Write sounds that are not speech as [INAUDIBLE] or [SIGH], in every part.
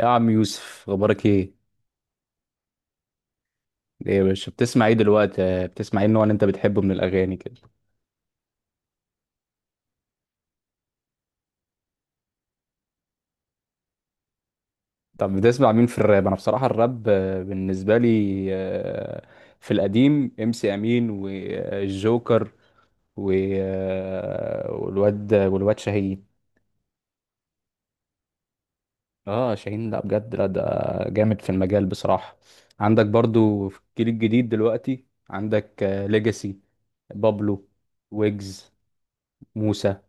يا عم يوسف اخبارك ايه؟ ايه يا باشا بتسمع ايه دلوقتي؟ بتسمع ايه النوع اللي انت بتحبه من الاغاني كده؟ طب بتسمع مين في الراب؟ انا بصراحه الراب بالنسبه لي، في القديم ام سي امين والجوكر و- والواد شاهين. اه شاهين، لا بجد، لا ده جامد في المجال بصراحه. عندك برضو في الجيل الجديد دلوقتي، عندك ليجاسي، بابلو، ويجز، موسى.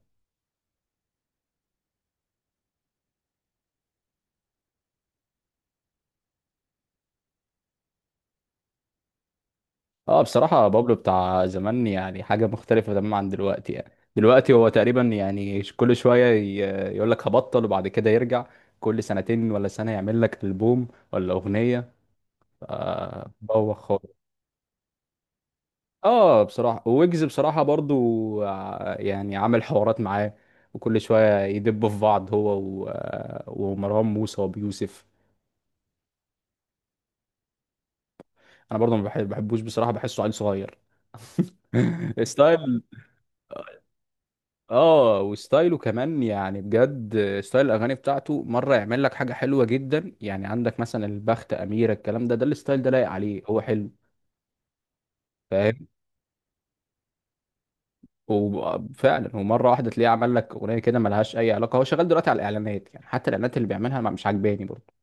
اه بصراحة بابلو بتاع زمان يعني حاجة مختلفة تماما عن دلوقتي، يعني دلوقتي هو تقريبا يعني كل شوية يقول لك هبطل وبعد كده يرجع، كل سنتين ولا سنة يعمل لك ألبوم ولا أغنية. آه بوخ خالص. اه بصراحة ويجز بصراحة برضو يعني عامل حوارات معاه، وكل شوية يدبوا في بعض هو و... آه، ومروان موسى وأبو يوسف. أنا برضو ما بحب- بحبوش بصراحة، بحسه عيل صغير. [LAUGHS] ستايل. اه وستايله كمان، يعني بجد ستايل الاغاني بتاعته، مره يعمل لك حاجه حلوه جدا، يعني عندك مثلا البخت، اميره، الكلام ده، ده الستايل ده لايق عليه، هو حلو، فاهم؟ وفعلا ومره واحده تلاقيه عمل لك اغنيه كده ملهاش اي علاقه، هو شغال دلوقتي على الاعلانات، يعني حتى الاعلانات اللي بيعملها مش عاجباني برضه.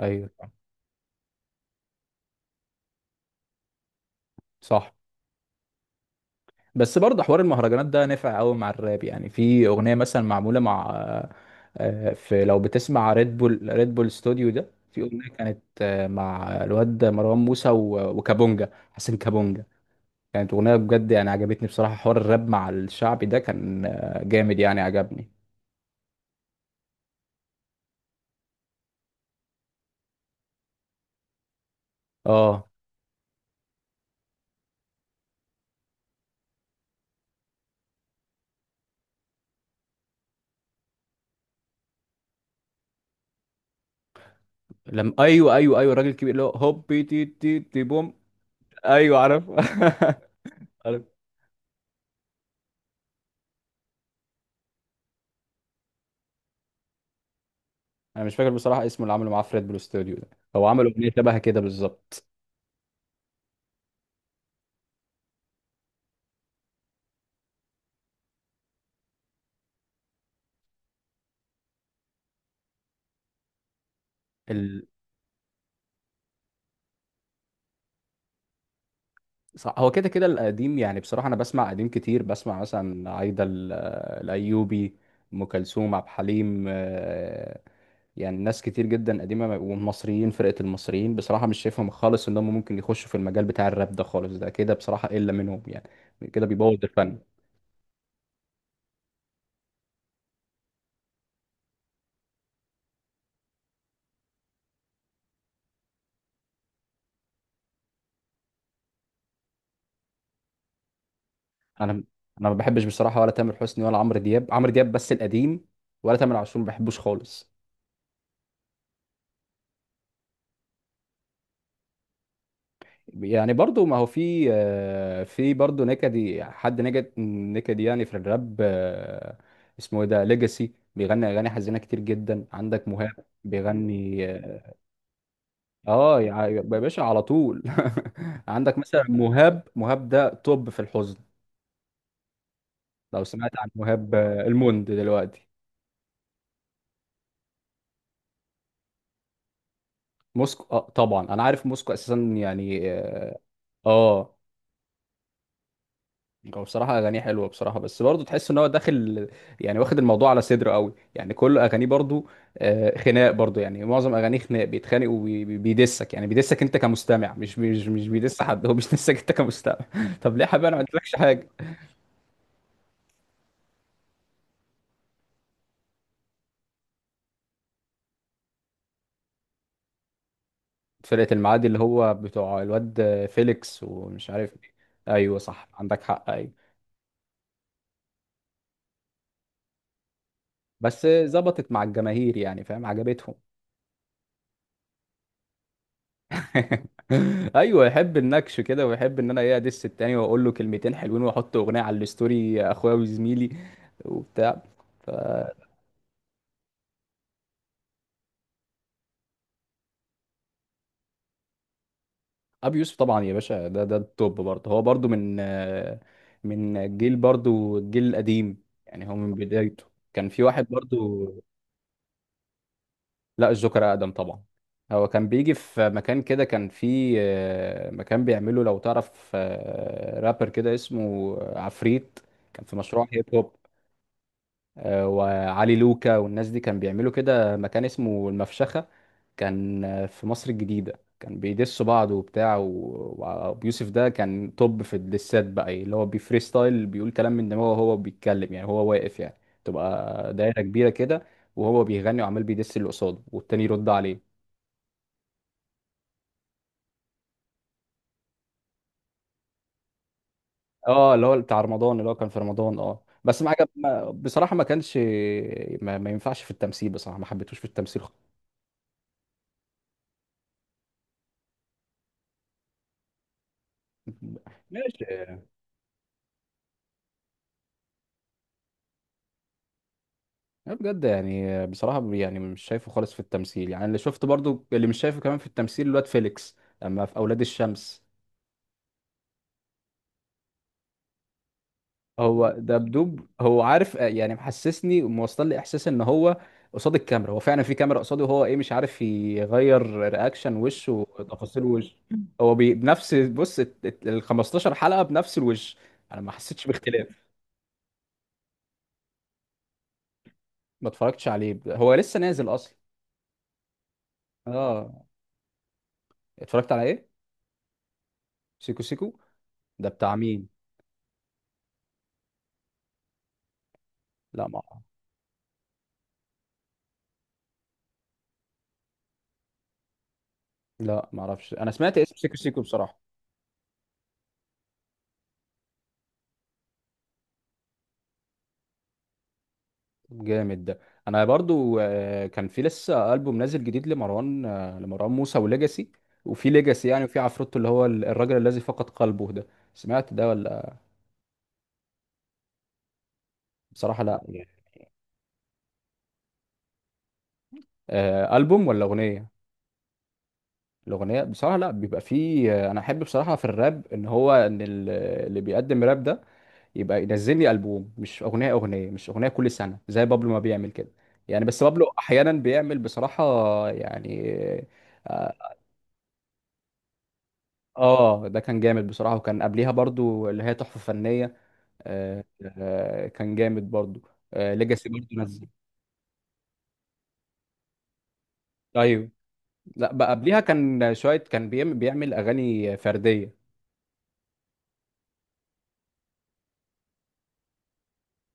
ايوه. صح. بس برضه حوار المهرجانات ده نفع قوي مع الراب، يعني في اغنيه مثلا معموله مع، في، لو بتسمع ريد بول، ريد بول ستوديو ده، في اغنيه كانت، مع الواد مروان موسى وكابونجا، حسن كابونجا. كانت اغنيه بجد يعني عجبتني بصراحه، حوار الراب مع الشعبي ده كان، جامد يعني عجبني. اه. لم ايوه ايوه ايوه، الراجل الكبير اللي هو هوبي تي تي تي بوم. ايوه عارف. [LAUGHS] عارف. انا مش فاكر بصراحه اسمه، اللي عمله معاه في ريد بول ستوديو ده، هو عمل اغنيه شبه كده بالظبط. صح. هو كده كده القديم، يعني بصراحة أنا بسمع قديم كتير، بسمع مثلا عايدة الأيوبي، أم كلثوم، عبد الحليم، يعني ناس كتير جدا قديمة. والمصريين، فرقة المصريين بصراحة مش شايفهم خالص إن هم ممكن يخشوا في المجال بتاع الراب ده خالص، ده كده بصراحة إلا منهم، يعني كده بيبوظ الفن. أنا أنا ما بحبش بصراحة ولا تامر حسني ولا عمرو دياب، عمرو دياب بس القديم، ولا تامر عاشور ما بحبوش خالص. يعني برضو ما هو في، في برضو نكدي، حد نكد نكدي، يعني في الراب، اسمه ايه ده، ليجاسي بيغني اغاني حزينه كتير جدا، عندك مهاب بيغني. اه، يا يا باشا على طول. [LAUGHS] عندك مثلا مهاب، مهاب ده توب في الحزن، لو سمعت عن مهاب، الموند دلوقتي. موسكو، آه طبعا انا عارف موسكو اساسا يعني. اه. آه. هو بصراحة أغانيه حلوة بصراحة، بس برضه تحس إن هو داخل يعني واخد الموضوع على صدره قوي، يعني كل أغانيه برضه، خناق برضه، يعني معظم أغانيه خناق بيتخانق وبيدسك، يعني بيدسك أنت كمستمع، مش بيدس حد، هو بيدسك أنت كمستمع. [LAUGHS] طب ليه يا حبيبي أنا ما قلتلكش حاجة. فرقة المعادي، اللي هو بتوع الواد فيليكس ومش عارف مين. أيوه صح، عندك حق، أيوه. بس ظبطت مع الجماهير، يعني فاهم عجبتهم. [LAUGHS] ايوه يحب النكش كده، ويحب ان انا ايه ادس التاني واقول له كلمتين حلوين واحط اغنيه على الستوري، اخويا وزميلي وبتاع. ف، ابي يوسف طبعا يا باشا، ده ده التوب برضه، هو برضه من، من الجيل برضه، الجيل القديم، يعني هو من بدايته كان في واحد برضه. لا، الجوكر اقدم طبعا. هو كان بيجي في مكان كده، كان في، مكان بيعمله، لو تعرف، رابر كده اسمه عفريت، كان في مشروع هيب هوب، وعلي لوكا والناس دي، كان بيعملوا كده مكان اسمه المفشخة، كان، في مصر الجديدة، كان بيدسوا بعض وبتاع، وابيوسف ده كان توب في الدسات بقى، إيه، اللي هو بيفريستايل، بيقول كلام من دماغه وهو بيتكلم، يعني هو واقف يعني، تبقى دايرة كبيرة كده وهو بيغني وعمال بيدس اللي قصاده والتاني يرد عليه. اه، اللي هو بتاع رمضان، اللي هو كان في رمضان، اه بس ما عجب، ما بصراحة ما كانش، ما ينفعش في التمثيل بصراحة، ما حبيتهوش في التمثيل خالص. ماشي. لا بجد يعني بصراحة يعني مش شايفه خالص في التمثيل، يعني اللي شفت برضو اللي مش شايفه كمان في التمثيل، الواد فيليكس لما في أولاد الشمس، هو دبدوب، هو عارف، يعني محسسني وموصل لي إحساس إن هو قصاد الكاميرا، هو فعلا في كاميرا قصاده وهو إيه مش عارف يغير رياكشن وشه وتفاصيل وشه. هو بنفس، بص، 15 حلقة بنفس الوش، أنا ما حسيتش باختلاف. ما اتفرجتش عليه، هو لسه نازل أصلا. اه اتفرجت على إيه؟ سيكو سيكو، ده بتاع مين؟ لا ما لا ما اعرفش، انا سمعت اسم سيكو سيكو بصراحه. جامد ده. انا برضو، كان في لسه البوم نازل جديد لمروان، لمروان موسى وليجاسي، وفي ليجاسي يعني، وفي عفروتو اللي هو الراجل الذي فقد قلبه ده، سمعت ده ولا؟ بصراحه لا يعني، البوم ولا اغنيه؟ الاغنيه بصراحه لا، بيبقى فيه، انا احب بصراحه في الراب ان هو ان اللي بيقدم راب ده يبقى ينزل لي البوم، مش اغنيه اغنيه، مش اغنيه كل سنه زي بابلو ما بيعمل كده، يعني بس بابلو احيانا بيعمل بصراحه يعني آه، اه ده كان جامد بصراحة، وكان قبليها برضو اللي هي تحفة فنية. آه. آه كان جامد برضو. آه ليجاسي برضو نزل. ايوه. لا بقى قبليها كان شوية كان بيعمل اغاني فردية.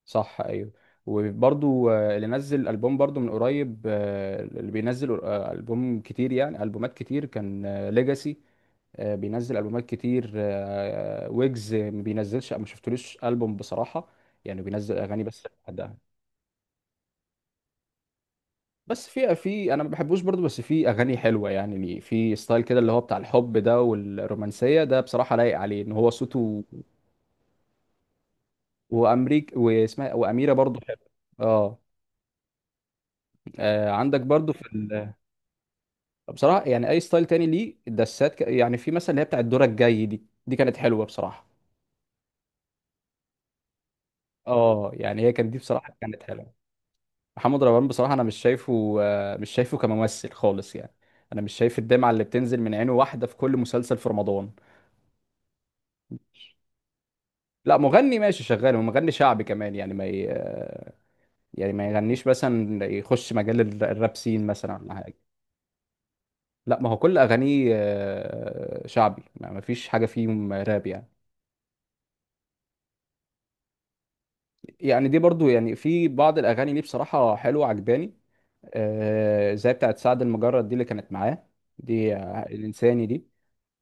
صح ايوه. وبرضو، اللي نزل ألبوم برضو من قريب، اللي بينزل، ألبوم كتير يعني ألبومات كتير، كان ليجاسي بينزل ألبومات كتير، ويجز ما بينزلش، ما شفتلوش ألبوم بصراحة، يعني بينزل أغاني بس لوحدها. بس في، انا ما بحبوش برضو، بس في اغاني حلوه، يعني ليه في ستايل كده اللي هو بتاع الحب ده والرومانسيه ده، بصراحه لايق عليه ان هو صوته، وامريك واسمها، واميره برضو حلو. اه، عندك برضو في بصراحه يعني اي ستايل تاني ليه الدسات يعني في مثلا اللي هي بتاع الدور الجاي دي، دي كانت حلوه بصراحه. اه يعني هي كانت دي بصراحه كانت حلوه. محمد رمضان بصراحه انا مش شايفه، مش شايفه كممثل خالص يعني، انا مش شايف الدمعه اللي بتنزل من عينه واحده في كل مسلسل في رمضان. لا مغني ماشي شغال، ومغني شعبي كمان يعني، ما ي... يعني ما يغنيش مثلا يخش مجال الراب سين مثلا ولا حاجه. لا ما هو كل اغانيه، شعبي، ما ما فيش حاجه فيهم راب يعني. يعني دي برضو يعني في بعض الاغاني ليه بصراحه حلوه عجباني، زي بتاعت سعد المجرد دي اللي كانت معاه، دي، الانساني دي.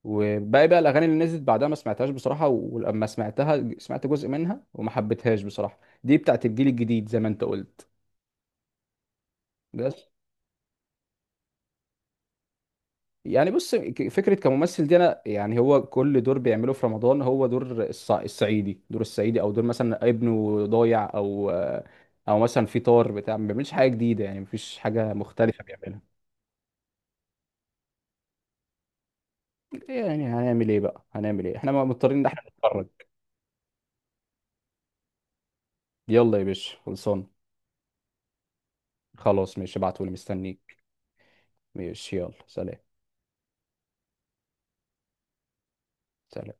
وباقي بقى الاغاني اللي نزلت بعدها ما سمعتهاش بصراحه، ولما سمعتها سمعت جزء منها وما حبيتهاش بصراحه، دي بتاعت الجيل الجديد زي ما انت قلت. بس، يعني بص، فكرة كممثل دي، أنا يعني هو كل دور بيعمله في رمضان هو دور الصعيدي، دور الصعيدي أو دور مثلا ابنه ضايع، أو أو مثلا في طار بتاع، ما بيعملش حاجة جديدة يعني، مفيش حاجة مختلفة بيعملها. يعني هنعمل إيه بقى، هنعمل إيه، إحنا مضطرين إن إحنا نتفرج. يلا يا باشا خلصان. خلاص ماشي ابعتولي مستنيك. ماشي يلا سلام. سلام.